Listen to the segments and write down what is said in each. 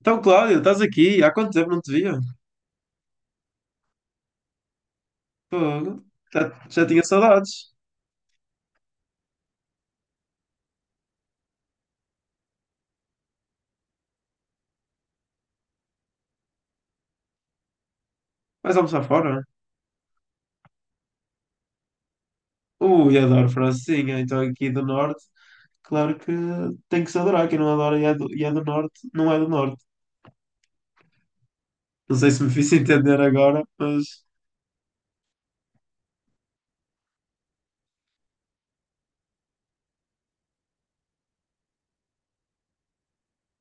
Então, Cláudio, estás aqui? Há quanto tempo não te via? Fogo. Já tinha saudades. Vais almoçar fora? Ui, adoro francesinha. Então, aqui do Norte, claro que tem que se adorar. Quem não adora e é do Norte, não é do Norte. Não sei se me fiz entender agora, mas,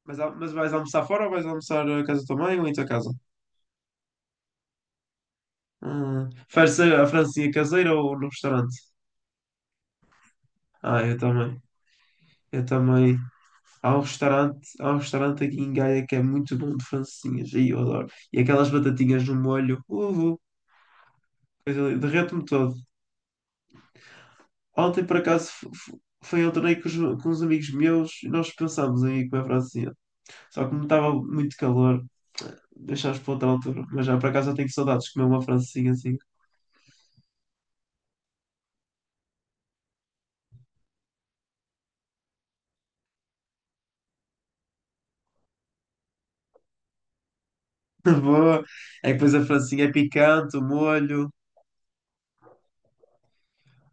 mas, al- mas vais almoçar fora ou vais almoçar a casa também ou em tua casa? Prefere ser a francesinha caseira ou no restaurante? Ah, eu também. Eu também. Há um restaurante aqui em Gaia que é muito bom de francesinhas, e eu adoro. E aquelas batatinhas no molho, coisa linda, derreto-me todo. Ontem, por acaso, foi ao torneio com uns amigos meus e nós pensámos em ir comer francesinha. Só que como estava muito calor, deixámos para outra altura. Mas já, por acaso, eu tenho saudades de comer uma francesinha assim. Boa! É que depois a francesinha é picante, o molho.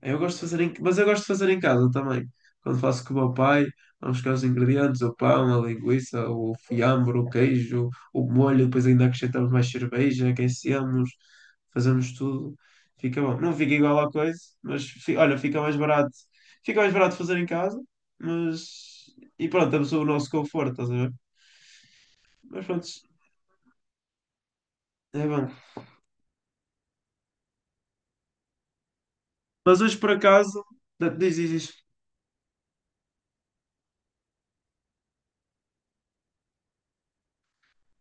Eu gosto de fazer em... Mas eu gosto de fazer em casa também. Quando faço com o meu pai, vamos buscar os ingredientes, o pão, a linguiça, o fiambre, o queijo, o molho, depois ainda acrescentamos mais cerveja, aquecemos, fazemos tudo. Fica bom. Não fica igual à coisa, mas olha, fica mais barato. Fica mais barato fazer em casa, mas. E pronto, temos o nosso conforto, estás a ver? Mas pronto, é bom. Mas hoje por acaso, diz, diz, diz.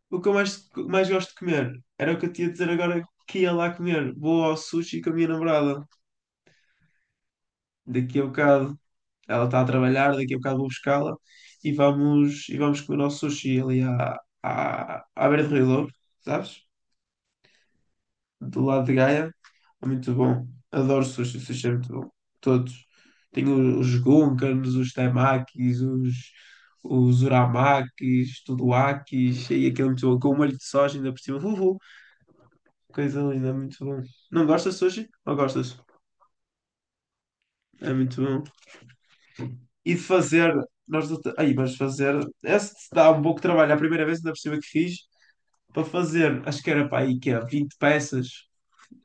O que eu mais gosto de comer. Era o que eu tinha de dizer agora que ia lá comer. Vou ao sushi com a minha namorada. Daqui a bocado ela está a trabalhar, daqui a bocado vou buscá-la e vamos, comer ao sushi ali à beira do Rio Douro, sabes? Do lado de Gaia. É muito bom. Adoro sushi, sushi é muito bom. Todos. Tenho os gunkans, os temakis, os uramakis, tudoakis, e aquele é muito bom, com o molho de soja ainda por cima. Uhul. Coisa linda, é muito bom. Não gostas de sushi? Ou gostas? É muito bom. E de fazer, nós não te- aí, mas fazer, esse dá um pouco de trabalho. A primeira vez ainda por cima que fiz, para fazer, acho que era para aí que é 20 peças,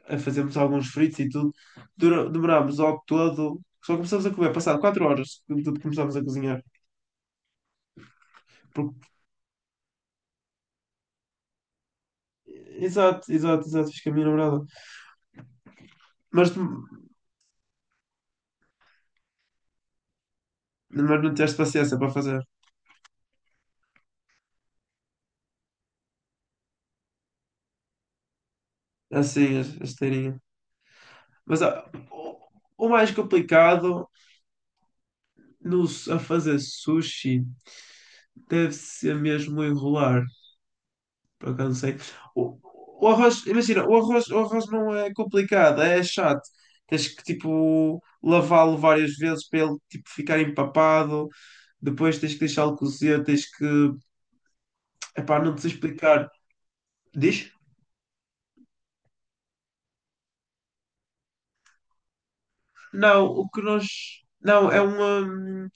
a fazermos alguns fritos e tudo, demorámos ao todo, só começámos a comer, passado 4 horas, de tudo começámos a cozinhar. Porque- Exato, exato, exato, fiz com a minha namorada. Mas, mas não tiveste paciência para fazer assim, a esteirinha. Mas o mais complicado. Não, a fazer sushi deve ser mesmo enrolar, por acaso não sei. O, o arroz, imagina, o arroz não é complicado, é chato. Tens que tipo lavá-lo várias vezes para ele tipo, ficar empapado, depois tens que deixá-lo cozer, tens que. Epá, não te sei explicar. Diz? Não, o que nós. Não, é uma.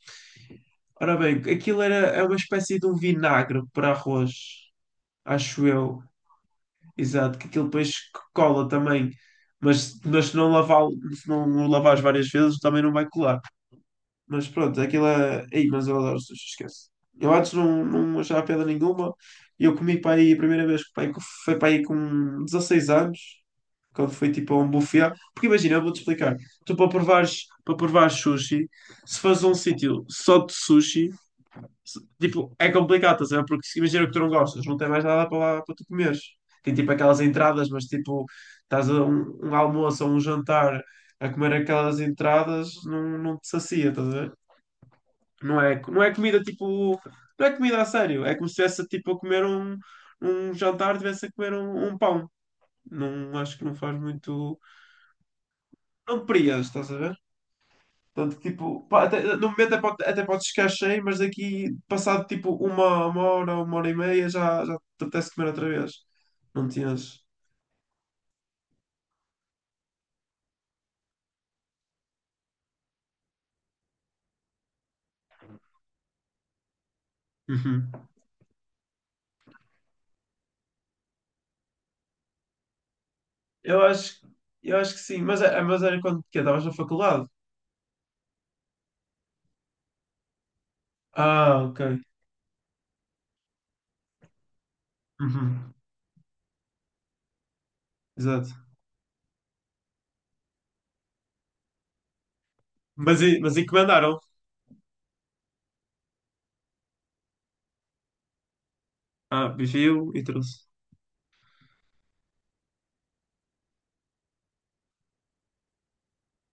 Ora bem, aquilo era, é uma espécie de um vinagre para arroz, acho eu. Exato, que aquilo depois cola também. Mas se não lavar, se não o lavares várias vezes, também não vai colar. Mas pronto, aquilo é. Ei, mas eu adoro sushi, esquece. Eu antes não achava pedra nenhuma. Eu comi para aí, a primeira vez que foi para aí com 16 anos, quando fui tipo a um buffet. Porque imagina, eu vou-te explicar. Tu para provares sushi, se fazes um sítio só de sushi, tipo, é complicado, estás a ver? Porque se imagina que tu não gostas, não tem mais nada para lá para tu comeres. Tem tipo aquelas entradas, mas tipo, estás a um almoço ou um jantar a comer aquelas entradas, não te sacia, estás a ver? Não é comida tipo. Não é comida a sério. É como se estivesse tipo, a comer um jantar, estivesse a comer um pão. Não acho que não faz muito. Não te prias, estás a ver? Portanto, tipo, pá, no momento até pode ficar cheio, mas daqui, passado tipo uma hora, uma hora e meia, já te apetece comer outra vez. Não te enches. Uhum. Eu acho, eu acho que sim, mas, mas era quando que estavas na faculdade. Ah, ok. Uhum. Exato. Mas encomendaram. Ah, viu e trouxe.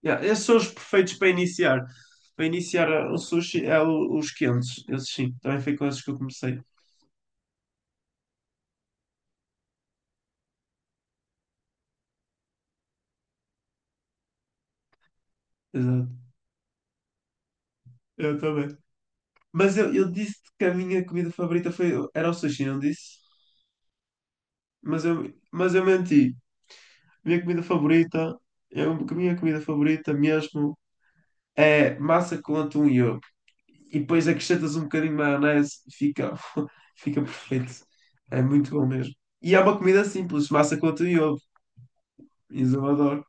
Yeah, esses são os perfeitos para iniciar. Para iniciar o sushi, os quentes. Esses sim, também foi com esses que eu comecei. Exato. Eu também. Mas eu disse que a minha comida favorita foi, era o sushi, não disse? Mas eu menti. Minha comida favorita, eu, a minha comida favorita mesmo é massa com atum e ovo. E depois acrescentas um bocadinho de maionese, fica, fica perfeito. É muito bom mesmo. E é uma comida simples, massa com atum e ovo. Isso eu adoro.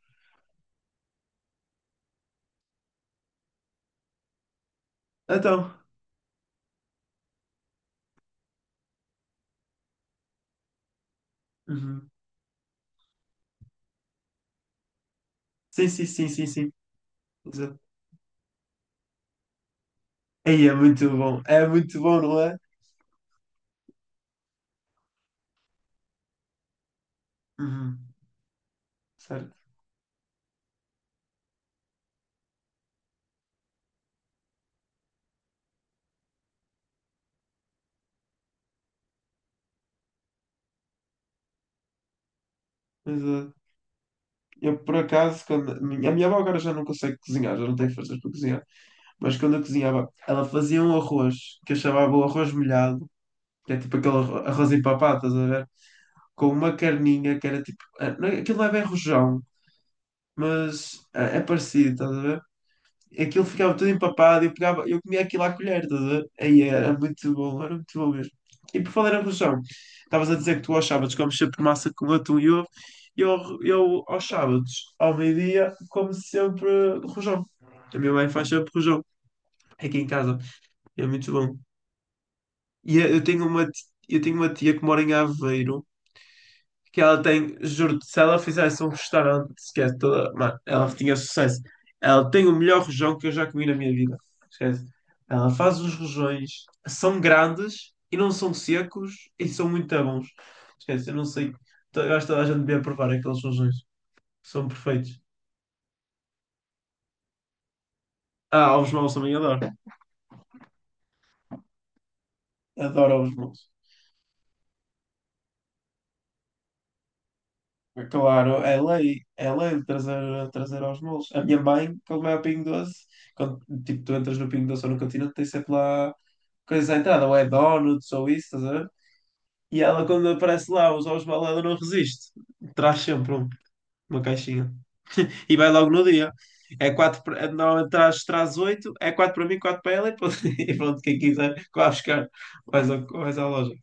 Então, uhum. Sim, sim, sim, sim, sim. Exato. Aí é muito bom, não é? Uhum, certo. Mas eu, por acaso, quando. A minha avó agora já não consegue cozinhar, já não tem forças para cozinhar. Mas quando eu cozinhava, ela fazia um arroz, que eu chamava o arroz molhado, que é tipo aquele arroz empapado, estás a ver? Com uma carninha que era tipo. Aquilo não é bem rojão, mas é parecido, estás a ver? Aquilo ficava tudo empapado, eu pegava, eu comia aquilo à colher, estás a ver? Aí era muito bom mesmo. E por falar em rojão, estavas a dizer que tu aos sábados comes sempre massa com atum e ovo, e eu aos sábados, ao meio-dia, como sempre rojão. A minha mãe faz sempre rojão, aqui em casa, é muito bom. E eu tenho uma tia que mora em Aveiro, que ela tem, juro-te, se ela fizesse um restaurante, esquece toda, mano, ela tinha sucesso. Ela tem o melhor rojão que eu já comi na minha vida. Esquece. Ela faz os rojões, são grandes e não são secos e são muito bons. Esquece, eu não sei. Eu acho que toda a gente devia provar aqueles rojões. São perfeitos. Ah, ovos maus também adoro. Adoro ovos maus. É claro, é lei de trazer aos molos. A minha mãe, quando vai ao Pingo Doce, quando tipo, tu entras no Pingo Doce ou no Continente, tem sempre lá coisas à entrada, ou é donuts ou isso, estás a ver? E ela, quando aparece lá, os ovos balada não resiste, traz sempre um, uma caixinha. E vai logo no dia. Normalmente traz 8, é 4 para mim, 4 para ela e pronto, e pronto, quem quiser, que vá buscar, vais à loja.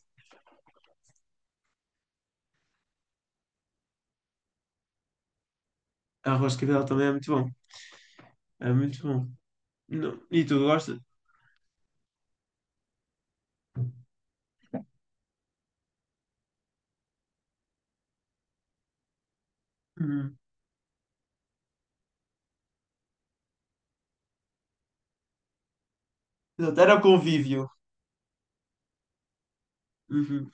Arroz de cabidela também é muito bom, é muito bom. E tu gostas? Uhum. Exato, era o convívio. Uhum.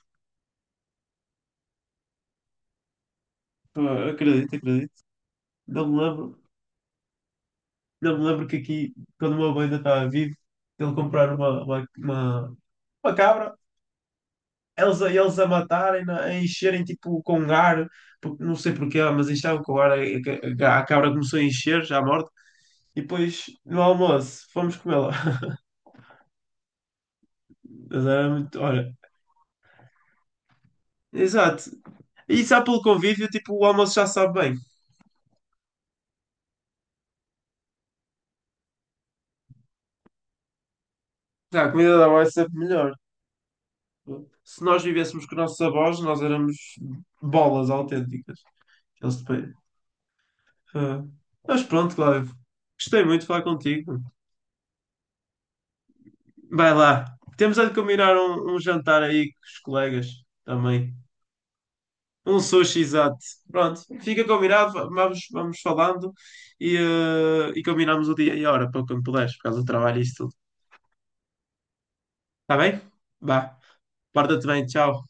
Pô, acredito, acredito. Não me lembro, não me lembro que aqui, quando o meu avô ainda estava vivo, ele comprar uma cabra, eles a matarem, a encherem tipo com ar, porque não sei porquê, mas enchavam com ar, a cabra começou a encher, já morta, e depois no almoço fomos comê-la. Mas era muito, olha, exato. E só pelo convívio, tipo, o almoço já sabe bem. Já, a comida da avó é sempre melhor. Se nós vivêssemos com nossos avós, nós éramos bolas autênticas. Eles depois. ah. Mas pronto, Cláudio, gostei muito de falar contigo. Vai lá. Temos a de combinar um jantar aí com os colegas também. Um sushi, exato. Pronto, fica combinado. Vamos falando e combinamos o dia e a hora para quando puderes, por causa do trabalho e isso tudo. Está bem? Vá. Porta-te bem, tchau.